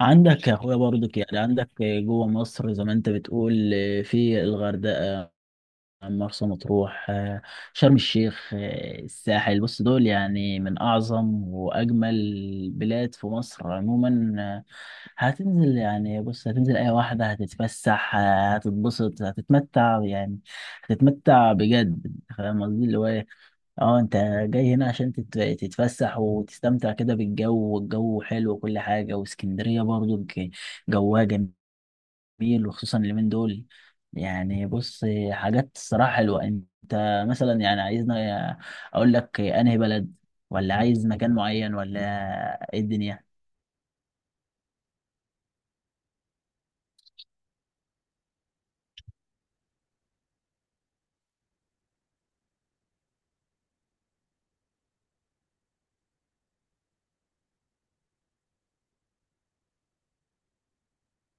عندك يا اخويا برضك، يعني عندك جوه مصر زي ما انت بتقول، في الغردقه، مرسى مطروح، شرم الشيخ، الساحل. بص دول يعني من اعظم واجمل البلاد في مصر عموما. يعني بص، هتنزل اي واحده، هتتفسح، هتتبسط، هتتمتع، يعني هتتمتع بجد. فاهم قصدي اللي هو إيه؟ اه، انت جاي هنا عشان تتفسح وتستمتع كده بالجو، والجو حلو وكل حاجة. واسكندرية برضو جواها جميل، وخصوصا اليومين دول. يعني بص، حاجات الصراحة حلوة. انت مثلا يعني عايزنا اقول لك انهي بلد، ولا عايز مكان معين، ولا ايه الدنيا؟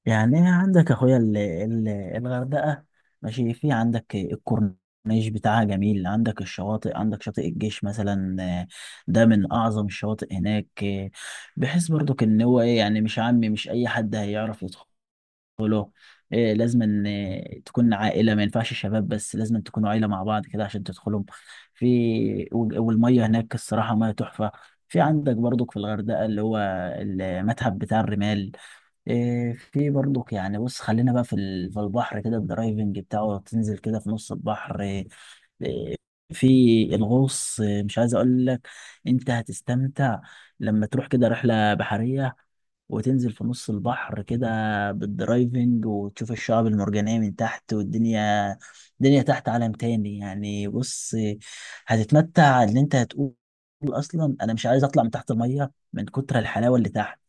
يعني إيه؟ عندك اخويا الغردقه، ماشي. في عندك الكورنيش بتاعها جميل، عندك الشواطئ، عندك شاطئ الجيش مثلا. ده من اعظم الشواطئ هناك. بحيث برضك ان هو ايه، يعني مش عامي، مش اي حد هيعرف يدخله. إيه؟ لازم ان تكون عائله، ما ينفعش شباب بس، لازم تكونوا عائله مع بعض كده عشان تدخلهم في. والميه هناك الصراحه، ميه تحفه. في عندك برضك في الغردقه اللي هو المتحف بتاع الرمال. في برضك يعني بص، خلينا بقى في في البحر كده، الدرايفنج بتاعه، تنزل كده في نص البحر. إيه، إيه، في الغوص. مش عايز اقول لك، انت هتستمتع لما تروح كده رحلة بحرية، وتنزل في نص البحر كده بالدرايفنج، وتشوف الشعاب المرجانية من تحت، والدنيا. الدنيا تحت عالم تاني يعني بص. هتتمتع، ان انت هتقول اصلا انا مش عايز اطلع من تحت المية من كتر الحلاوة اللي تحت.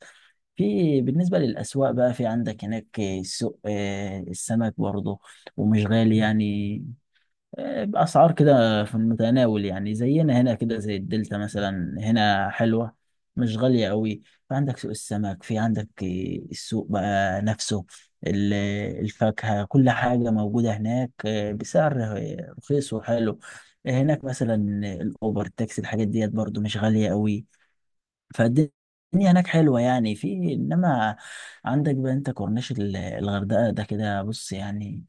في بالنسبة للأسواق بقى، في عندك هناك سوق السمك برضه، ومش غالي يعني. بأسعار كده في المتناول، يعني زينا هنا كده، زي الدلتا مثلا هنا، حلوة مش غالية قوي. فعندك سوق السمك، في عندك السوق بقى نفسه، ال- الفاكهة، كل حاجة موجودة هناك بسعر رخيص وحلو. هناك مثلا الأوبر، التاكسي، الحاجات ديت برضه مش غالية قوي. فالدنيا هناك حلوة يعني، في إنما عندك بقى أنت كورنيش الغردقة، ده كده بص، يعني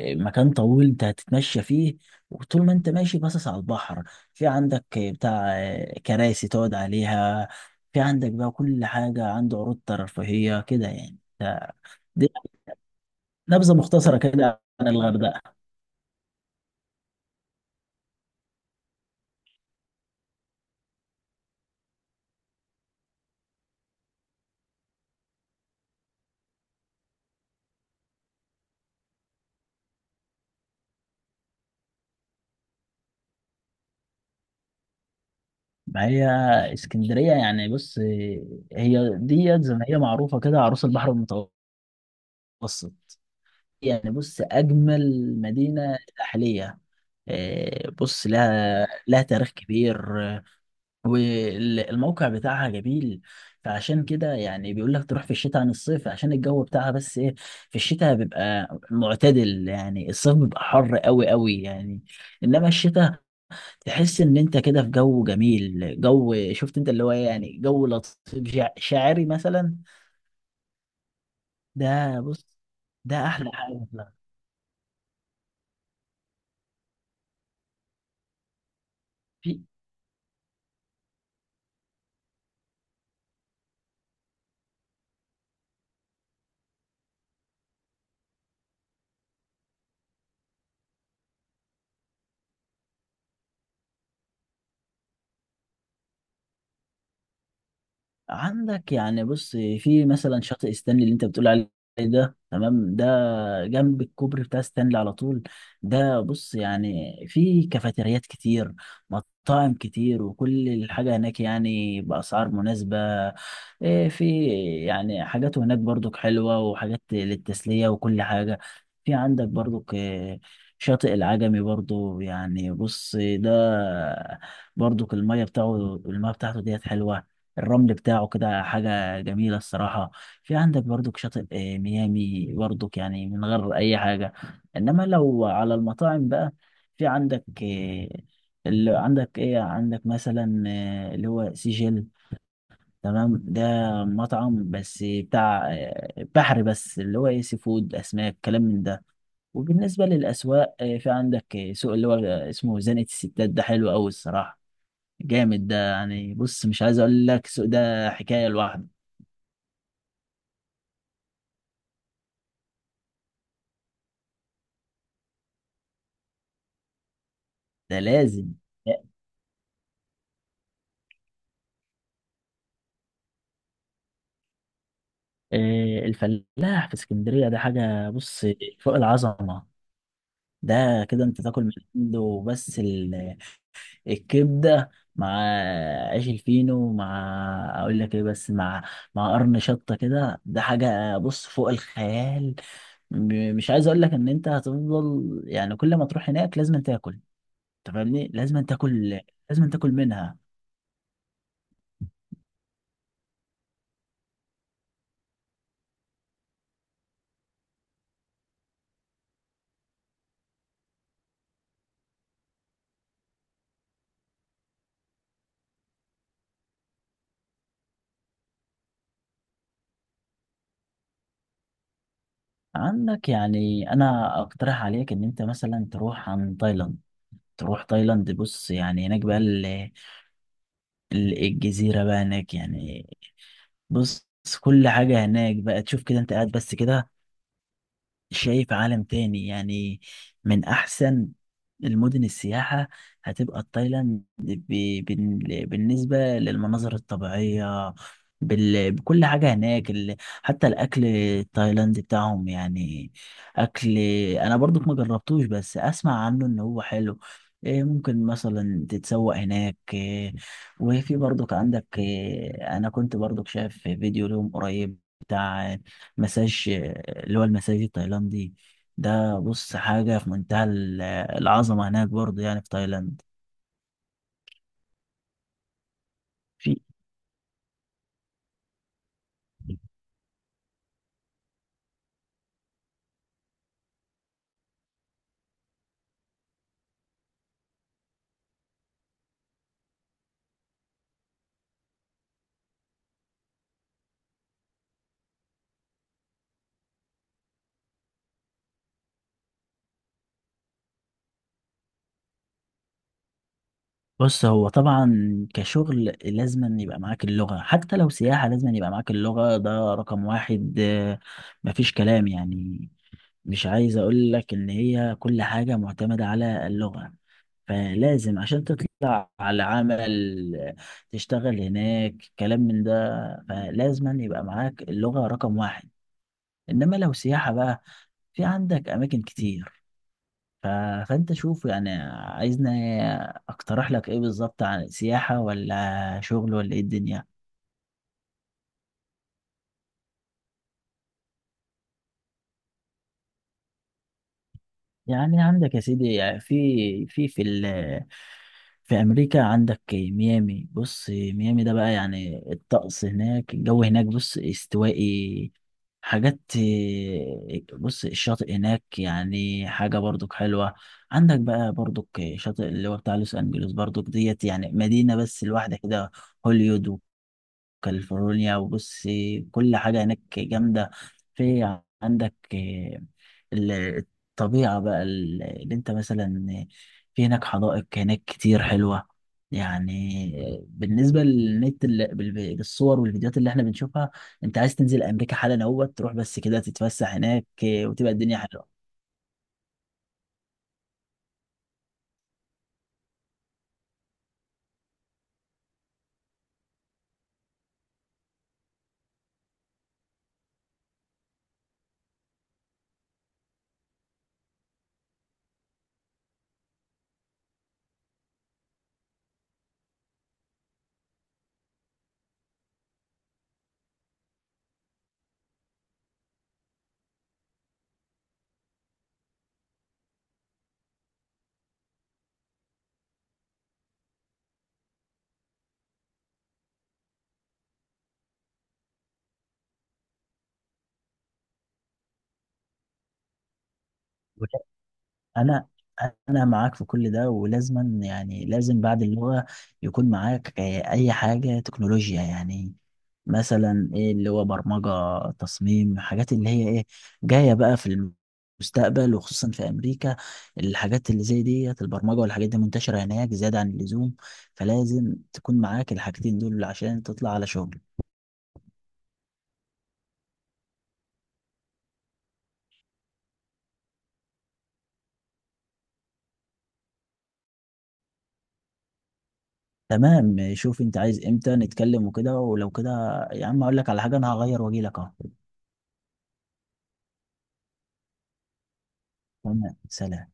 مكان طويل أنت هتتمشى فيه. وطول ما أنت ماشي باصص على البحر، في عندك بتاع كراسي تقعد عليها. في عندك بقى كل حاجة، عنده عروض ترفيهية كده يعني. دي نبذة مختصرة كده عن الغردقة. ما هي اسكندرية يعني بص، هي ديت زي ما هي معروفة كده عروس البحر المتوسط. يعني بص، أجمل مدينة ساحلية. بص لها تاريخ كبير. والموقع بتاعها جميل. فعشان كده يعني بيقول لك تروح في الشتاء عن الصيف عشان الجو بتاعها، بس ايه، في الشتاء بيبقى معتدل، يعني الصيف بيبقى حر قوي قوي يعني. انما الشتاء تحس ان انت كده في جو جميل، جو، شفت انت اللي هو إيه، يعني جو لطيف، شاعري مثلا. ده بص، ده احلى حاجة. في عندك يعني بص في مثلا شاطئ ستانلي اللي انت بتقول عليه، ده تمام، جنب الكوبري بتاع ستانلي على طول. ده بص، يعني في كافيتريات كتير، مطاعم كتير، وكل الحاجة هناك يعني بأسعار مناسبة. في يعني حاجات هناك برضك حلوة، وحاجات للتسلية وكل حاجة. في عندك برضك شاطئ العجمي برضو، يعني بص، ده برضو المية بتاعته ديت حلوة. الرمل بتاعه كده حاجة جميلة الصراحة. في عندك برضك شاطئ ميامي برضك، يعني من غير اي حاجه. انما لو على المطاعم بقى، في عندك اللي عندك ايه، عندك مثلا اللي هو سيجل، تمام. ده مطعم بس بتاع بحر بس، اللي هو ايه، سي فود، اسماك، كلام من ده. وبالنسبه للاسواق في عندك سوق اللي هو اسمه زنقه الستات، ده حلو قوي الصراحه، جامد ده، يعني بص مش عايز اقول لك السوق ده حكايه لوحده. ده لازم. الفلاح في اسكندرية ده حاجة بص فوق العظمة. ده كده انت تاكل من عنده، بس الكبدة مع عيش الفينو، مع اقول لك ايه، بس مع قرن شطة كده، ده حاجة بص فوق الخيال. مش عايز اقول لك ان انت هتفضل، يعني كل ما تروح هناك لازم تاكل، انت فاهمني لازم تاكل، لازم تاكل منها. عندك يعني انا اقترح عليك ان انت مثلا تروح عن تايلاند، تروح تايلاند، بص يعني هناك بقى الجزيرة بقى هناك يعني بص. كل حاجة هناك بقى، تشوف كده انت قاعد بس كده شايف عالم تاني يعني. من أحسن المدن السياحة هتبقى تايلاند، بالنسبة للمناظر الطبيعية، بكل حاجة هناك. حتى الأكل التايلاندي بتاعهم، يعني أكل، أنا برضك ما جربتوش، بس أسمع عنه إن هو حلو. ممكن مثلا تتسوق هناك. وفي برضك عندك، أنا كنت برضك شايف فيديو لهم قريب بتاع مساج، اللي هو المساج التايلاندي ده، بص حاجة في منتهى العظمة هناك برضه، يعني في تايلاند. في بص، هو طبعا كشغل لازم أن يبقى معاك اللغة، حتى لو سياحة لازم أن يبقى معاك اللغة، ده رقم واحد. مفيش كلام يعني. مش عايز اقول لك ان هي كل حاجة معتمدة على اللغة، فلازم عشان تطلع على عمل تشتغل هناك كلام من ده، فلازم أن يبقى معاك اللغة رقم واحد. انما لو سياحه بقى، في عندك اماكن كتير. ف... فانت شوف يعني، عايزني اقترح لك ايه بالظبط، عن سياحه ولا شغل ولا ايه الدنيا؟ يعني عندك يا سيدي يعني، في امريكا عندك ميامي، بص ميامي ده بقى يعني، الطقس هناك، الجو هناك بص استوائي. حاجات بص، الشاطئ هناك يعني حاجة برضك حلوة. عندك بقى برضك شاطئ اللي هو بتاع لوس انجلوس، برضك ديت يعني مدينة بس لوحدها كده، هوليوود، كاليفورنيا. وبص، كل حاجة هناك جامدة. في عندك ال- الطبيعة بقى، اللي انت مثلا في هناك، حدائق هناك كتير حلوة يعني. بالنسبة للنت، بالصور والفيديوهات اللي احنا بنشوفها. انت عايز تنزل امريكا حالا، اهوت تروح بس كده تتفسح هناك، وتبقى الدنيا حلوة. انا انا معاك في كل ده، ولازما يعني لازم بعد اللغه يكون معاك اي حاجه تكنولوجيا، يعني مثلا ايه اللي هو برمجه، تصميم، حاجات اللي هي ايه جايه بقى في المستقبل، وخصوصا في امريكا. الحاجات اللي زي ديت البرمجه والحاجات دي منتشره هناك زياده عن اللزوم، فلازم تكون معاك الحاجتين دول عشان تطلع على شغل. تمام، شوف انت عايز امتى نتكلم وكده، ولو كده يا عم اقول لك على حاجه، انا هغير واجي لك اهو. تمام، سلام.